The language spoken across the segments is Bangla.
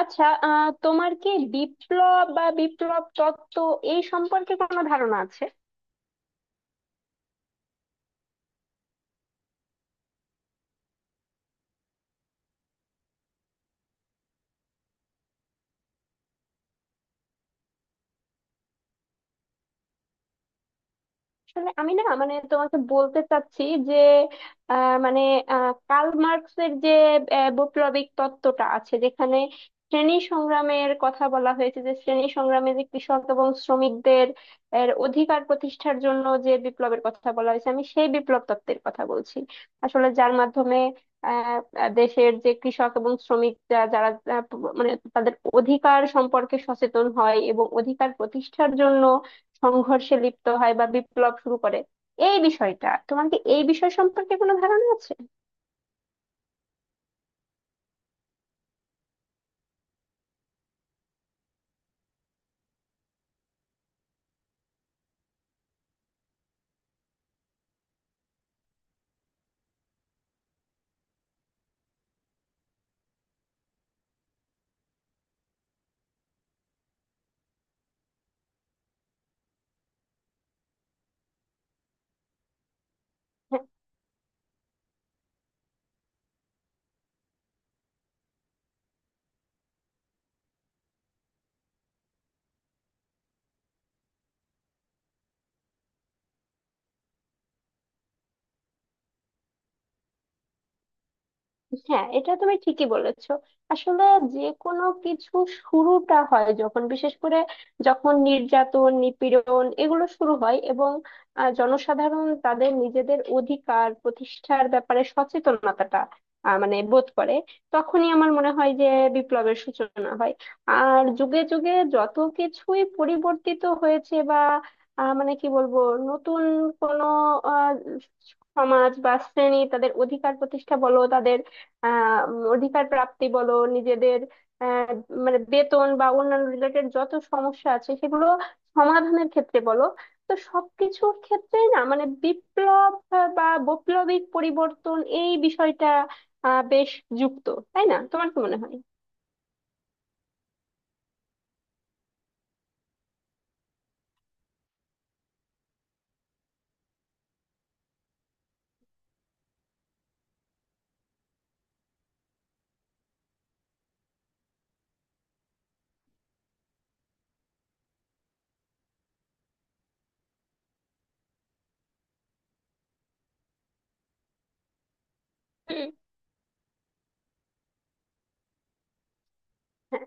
আচ্ছা, তোমার কি বিপ্লব বা বিপ্লব তত্ত্ব এই সম্পর্কে কোনো ধারণা আছে? আসলে আমি না, মানে তোমাকে বলতে চাচ্ছি যে মানে কার্ল মার্কসের যে বৈপ্লবিক তত্ত্বটা আছে, যেখানে শ্রেণী সংগ্রামের কথা বলা হয়েছে, যে শ্রেণী সংগ্রামে যে কৃষক এবং শ্রমিকদের এর অধিকার প্রতিষ্ঠার জন্য যে বিপ্লবের কথা বলা হয়েছে, আমি সেই বিপ্লব তত্ত্বের কথা বলছি। আসলে যার মাধ্যমে আহ আহ, দেশের যে কৃষক এবং শ্রমিক যারা আহ, মানে তাদের অধিকার সম্পর্কে সচেতন হয় এবং অধিকার প্রতিষ্ঠার জন্য সংঘর্ষে লিপ্ত হয় বা বিপ্লব শুরু করে। এই বিষয়টা, তোমার কি এই বিষয় সম্পর্কে কোনো ধারণা আছে? হ্যাঁ, এটা তুমি ঠিকই বলেছো। আসলে যে কোনো কিছু শুরুটা হয় যখন, বিশেষ করে যখন নির্যাতন নিপীড়ন এগুলো শুরু হয় এবং জনসাধারণ তাদের নিজেদের অধিকার প্রতিষ্ঠার ব্যাপারে সচেতনতাটা মানে বোধ করে, তখনই আমার মনে হয় যে বিপ্লবের সূচনা হয়। আর যুগে যুগে যত কিছুই পরিবর্তিত হয়েছে বা মানে কি বলবো, নতুন কোনো আহ, সমাজ বা শ্রেণী তাদের অধিকার প্রতিষ্ঠা বলো, তাদের অধিকার প্রাপ্তি বলো, নিজেদের আহ, মানে বেতন বা অন্যান্য রিলেটেড যত সমস্যা আছে সেগুলো সমাধানের ক্ষেত্রে বলো, তো সবকিছুর ক্ষেত্রেই না মানে বিপ্লব বা বৈপ্লবিক পরিবর্তন এই বিষয়টা বেশ যুক্ত। তাই না? তোমার কি মনে হয়? হুম, হ্যাঁ,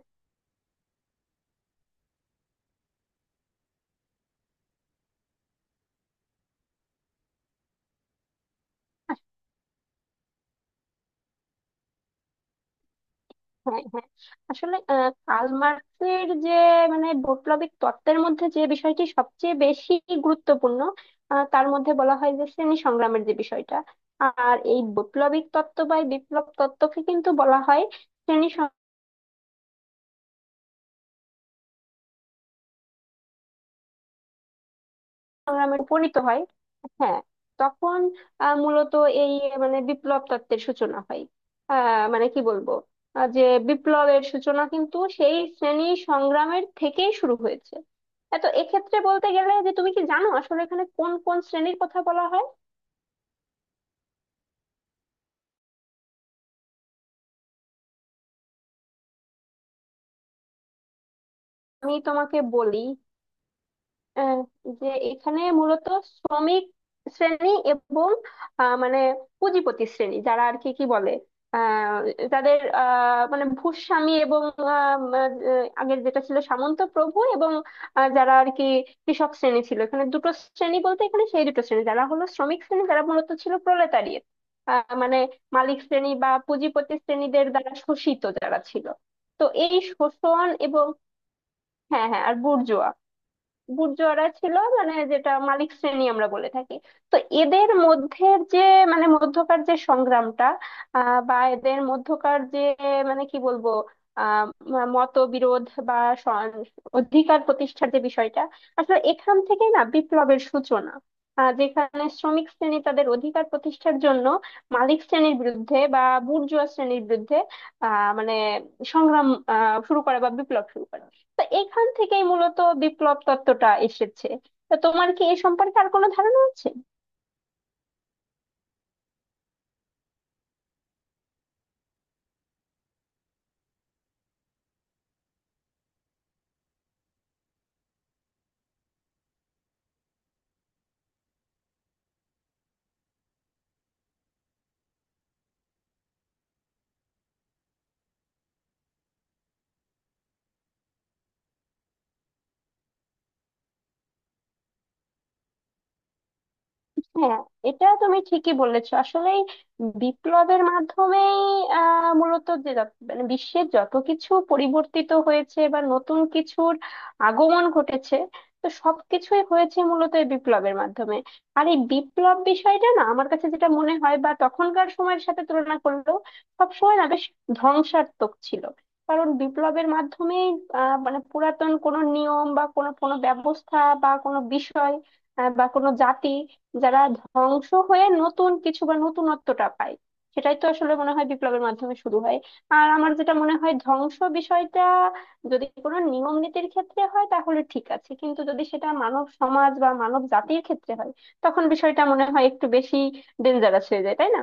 হ্যাঁ, হ্যাঁ। আসলে কার্ল মার্কসের যে মানে বৈপ্লবিক তত্ত্বের মধ্যে যে বিষয়টি সবচেয়ে বেশি গুরুত্বপূর্ণ, তার মধ্যে বলা হয় যে শ্রেণী সংগ্রামের যে বিষয়টা। আর এই বৈপ্লবিক তত্ত্ব বা এই বিপ্লব তত্ত্বকে কিন্তু বলা হয় শ্রেণী সংগ্রামে উপনীত হয়। হ্যাঁ, তখন মূলত এই মানে বিপ্লব তত্ত্বের সূচনা হয়। মানে কি বলবো, যে বিপ্লবের সূচনা কিন্তু সেই শ্রেণী সংগ্রামের থেকেই শুরু হয়েছে। এ তো এক্ষেত্রে বলতে গেলে, যে তুমি কি জানো আসলে এখানে কোন কোন শ্রেণীর কথা বলা হয়? আমি তোমাকে বলি, আহ, যে এখানে মূলত শ্রমিক শ্রেণী এবং মানে পুঁজিপতি শ্রেণী, যারা আর কি কি বলে, আহ, যাদের মানে ভূস্বামী এবং আহ, উম, আহ, আগের যেটা ছিল সামন্ত প্রভু এবং যারা আর কি কৃষক শ্রেণী ছিল। এখানে দুটো শ্রেণী বলতে এখানে সেই দুটো শ্রেণী, যারা হলো শ্রমিক শ্রেণী, যারা মূলত ছিল প্রোলেতারিয়েট, মানে মালিক শ্রেণী বা পুঁজিপতি শ্রেণীদের দ্বারা শোষিত যারা ছিল। তো এই শোষণ এবং হ্যাঁ, হ্যাঁ, আর বুর্জোয়া গুর্জররা ছিল, মানে যেটা মালিক শ্রেণী আমরা বলে থাকি। তো এদের মধ্যে যে মানে মধ্যকার যে সংগ্রামটা, বা এদের মধ্যকার যে মানে কি বলবো, আহ মতবিরোধ বা স- অধিকার প্রতিষ্ঠার যে বিষয়টা, আসলে এখান থেকে না বিপ্লবের সূচনা, যেখানে শ্রমিক শ্রেণী তাদের অধিকার প্রতিষ্ঠার জন্য মালিক শ্রেণীর বিরুদ্ধে বা বুর্জোয়া শ্রেণীর বিরুদ্ধে মানে সংগ্রাম শুরু করে বা বিপ্লব শুরু করে। তো এখান থেকেই মূলত বিপ্লব তত্ত্বটা এসেছে। তো তোমার কি এ সম্পর্কে আর কোনো ধারণা আছে? হ্যাঁ, এটা তুমি ঠিকই বলেছো আসলেই। বিপ্লবের মাধ্যমেই মূলত যে মানে বিশ্বের যত কিছু পরিবর্তিত হয়েছে বা নতুন কিছুর আগমন ঘটেছে, তো সবকিছুই হয়েছে মূলত এই বিপ্লবের মাধ্যমে। আর এই বিপ্লব বিষয়টা না, আমার কাছে যেটা মনে হয় বা তখনকার সময়ের সাথে তুলনা করলেও সবসময় না বেশ ধ্বংসাত্মক ছিল, কারণ বিপ্লবের মাধ্যমেই মানে পুরাতন কোনো নিয়ম বা কোনো কোনো ব্যবস্থা বা কোনো বিষয় বা কোনো জাতি যারা ধ্বংস হয়ে নতুন কিছু বা নতুনত্বটা পায়, সেটাই তো আসলে মনে হয় বিপ্লবের মাধ্যমে শুরু হয়। আর আমার যেটা মনে হয়, ধ্বংস বিষয়টা যদি কোনো নিয়ম নীতির ক্ষেত্রে হয় তাহলে ঠিক আছে, কিন্তু যদি সেটা মানব সমাজ বা মানব জাতির ক্ষেত্রে হয়, তখন বিষয়টা মনে হয় একটু বেশি ডেঞ্জারাস হয়ে যায়। তাই না?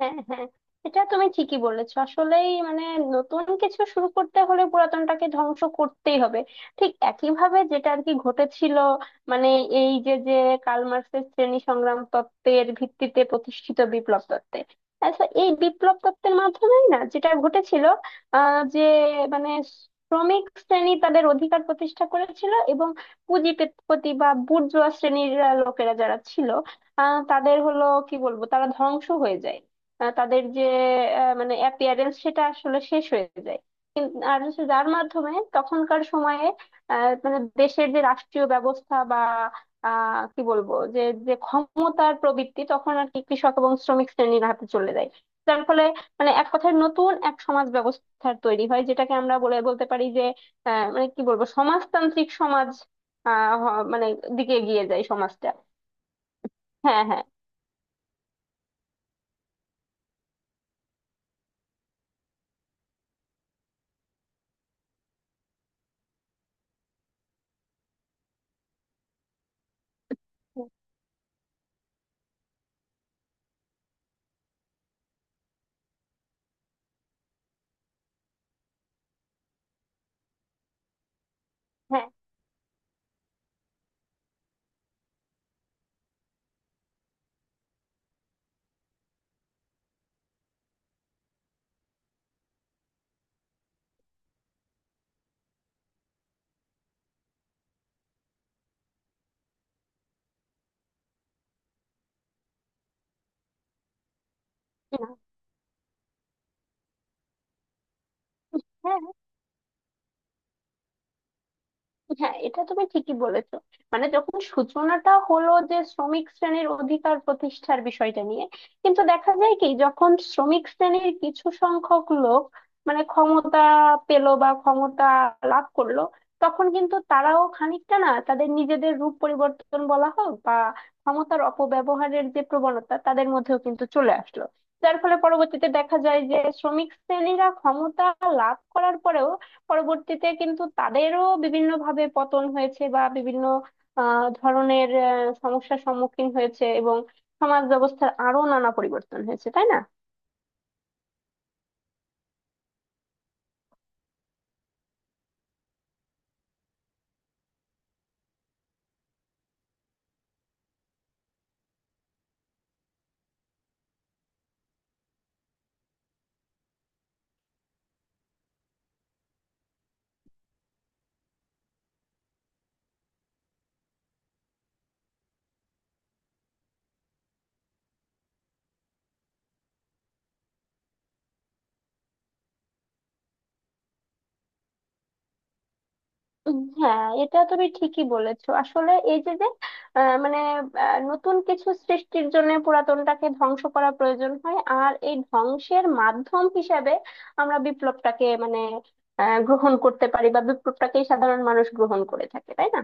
হ্যাঁ, হ্যাঁ, এটা তুমি ঠিকই বলেছো আসলেই। মানে নতুন কিছু শুরু করতে হলে পুরাতনটাকে ধ্বংস করতেই হবে। ঠিক একইভাবে যেটা আর কি ঘটেছিল, মানে এই যে যে কার্ল মার্ক্সের শ্রেণী সংগ্রাম তত্ত্বের ভিত্তিতে প্রতিষ্ঠিত বিপ্লব তত্ত্বে। আচ্ছা, এই বিপ্লব তত্ত্বের মাধ্যমেই না যেটা ঘটেছিল, যে মানে শ্রমিক শ্রেণী তাদের অধিকার প্রতিষ্ঠা করেছিল এবং পুঁজিপতি বা বুর্জোয়া শ্রেণীর লোকেরা যারা ছিল, তাদের হলো কি বলবো, তারা ধ্বংস হয়ে যায়। তাদের যে মানে অ্যাপিয়ারেন্স সেটা আসলে শেষ হয়ে যায়। আর হচ্ছে যার মাধ্যমে তখনকার সময়ে মানে দেশের যে রাষ্ট্রীয় ব্যবস্থা বা কি বলবো যে যে ক্ষমতার প্রবৃত্তি তখন আর কি কৃষক এবং শ্রমিক শ্রেণীর হাতে চলে যায়, যার ফলে মানে এক কথায় নতুন এক সমাজ ব্যবস্থার তৈরি হয়, যেটাকে আমরা বলে বলতে পারি যে মানে কি বলবো সমাজতান্ত্রিক সমাজ মানে দিকে এগিয়ে যায় সমাজটা। হ্যাঁ, হ্যাঁ। হ্যাঁ, হ্যাঁ, হ্যাঁ, এটা তুমি ঠিকই বলেছো। মানে যখন সূচনাটা হলো যে শ্রমিক শ্রেণীর অধিকার প্রতিষ্ঠার বিষয়টা নিয়ে, কিন্তু দেখা যায় কি, যখন শ্রমিক শ্রেণীর কিছু সংখ্যক লোক মানে ক্ষমতা পেল বা ক্ষমতা লাভ করলো, তখন কিন্তু তারাও খানিকটা না, তাদের নিজেদের রূপ পরিবর্তন বলা হোক বা ক্ষমতার অপব্যবহারের যে প্রবণতা তাদের মধ্যেও কিন্তু চলে আসলো। যার ফলে পরবর্তীতে দেখা যায় যে শ্রমিক শ্রেণীরা ক্ষমতা লাভ করার পরেও পরবর্তীতে কিন্তু তাদেরও বিভিন্ন ভাবে পতন হয়েছে বা বিভিন্ন ধরনের সমস্যার সম্মুখীন হয়েছে এবং সমাজ ব্যবস্থার আরো নানা পরিবর্তন হয়েছে। তাই না? হ্যাঁ, এটা তুমি ঠিকই বলেছো। আসলে এই যে যে মানে নতুন কিছু সৃষ্টির জন্য পুরাতনটাকে ধ্বংস করা প্রয়োজন হয়, আর এই ধ্বংসের মাধ্যম হিসাবে আমরা বিপ্লবটাকে মানে গ্রহণ করতে পারি বা বিপ্লবটাকেই সাধারণ মানুষ গ্রহণ করে থাকে। তাই না?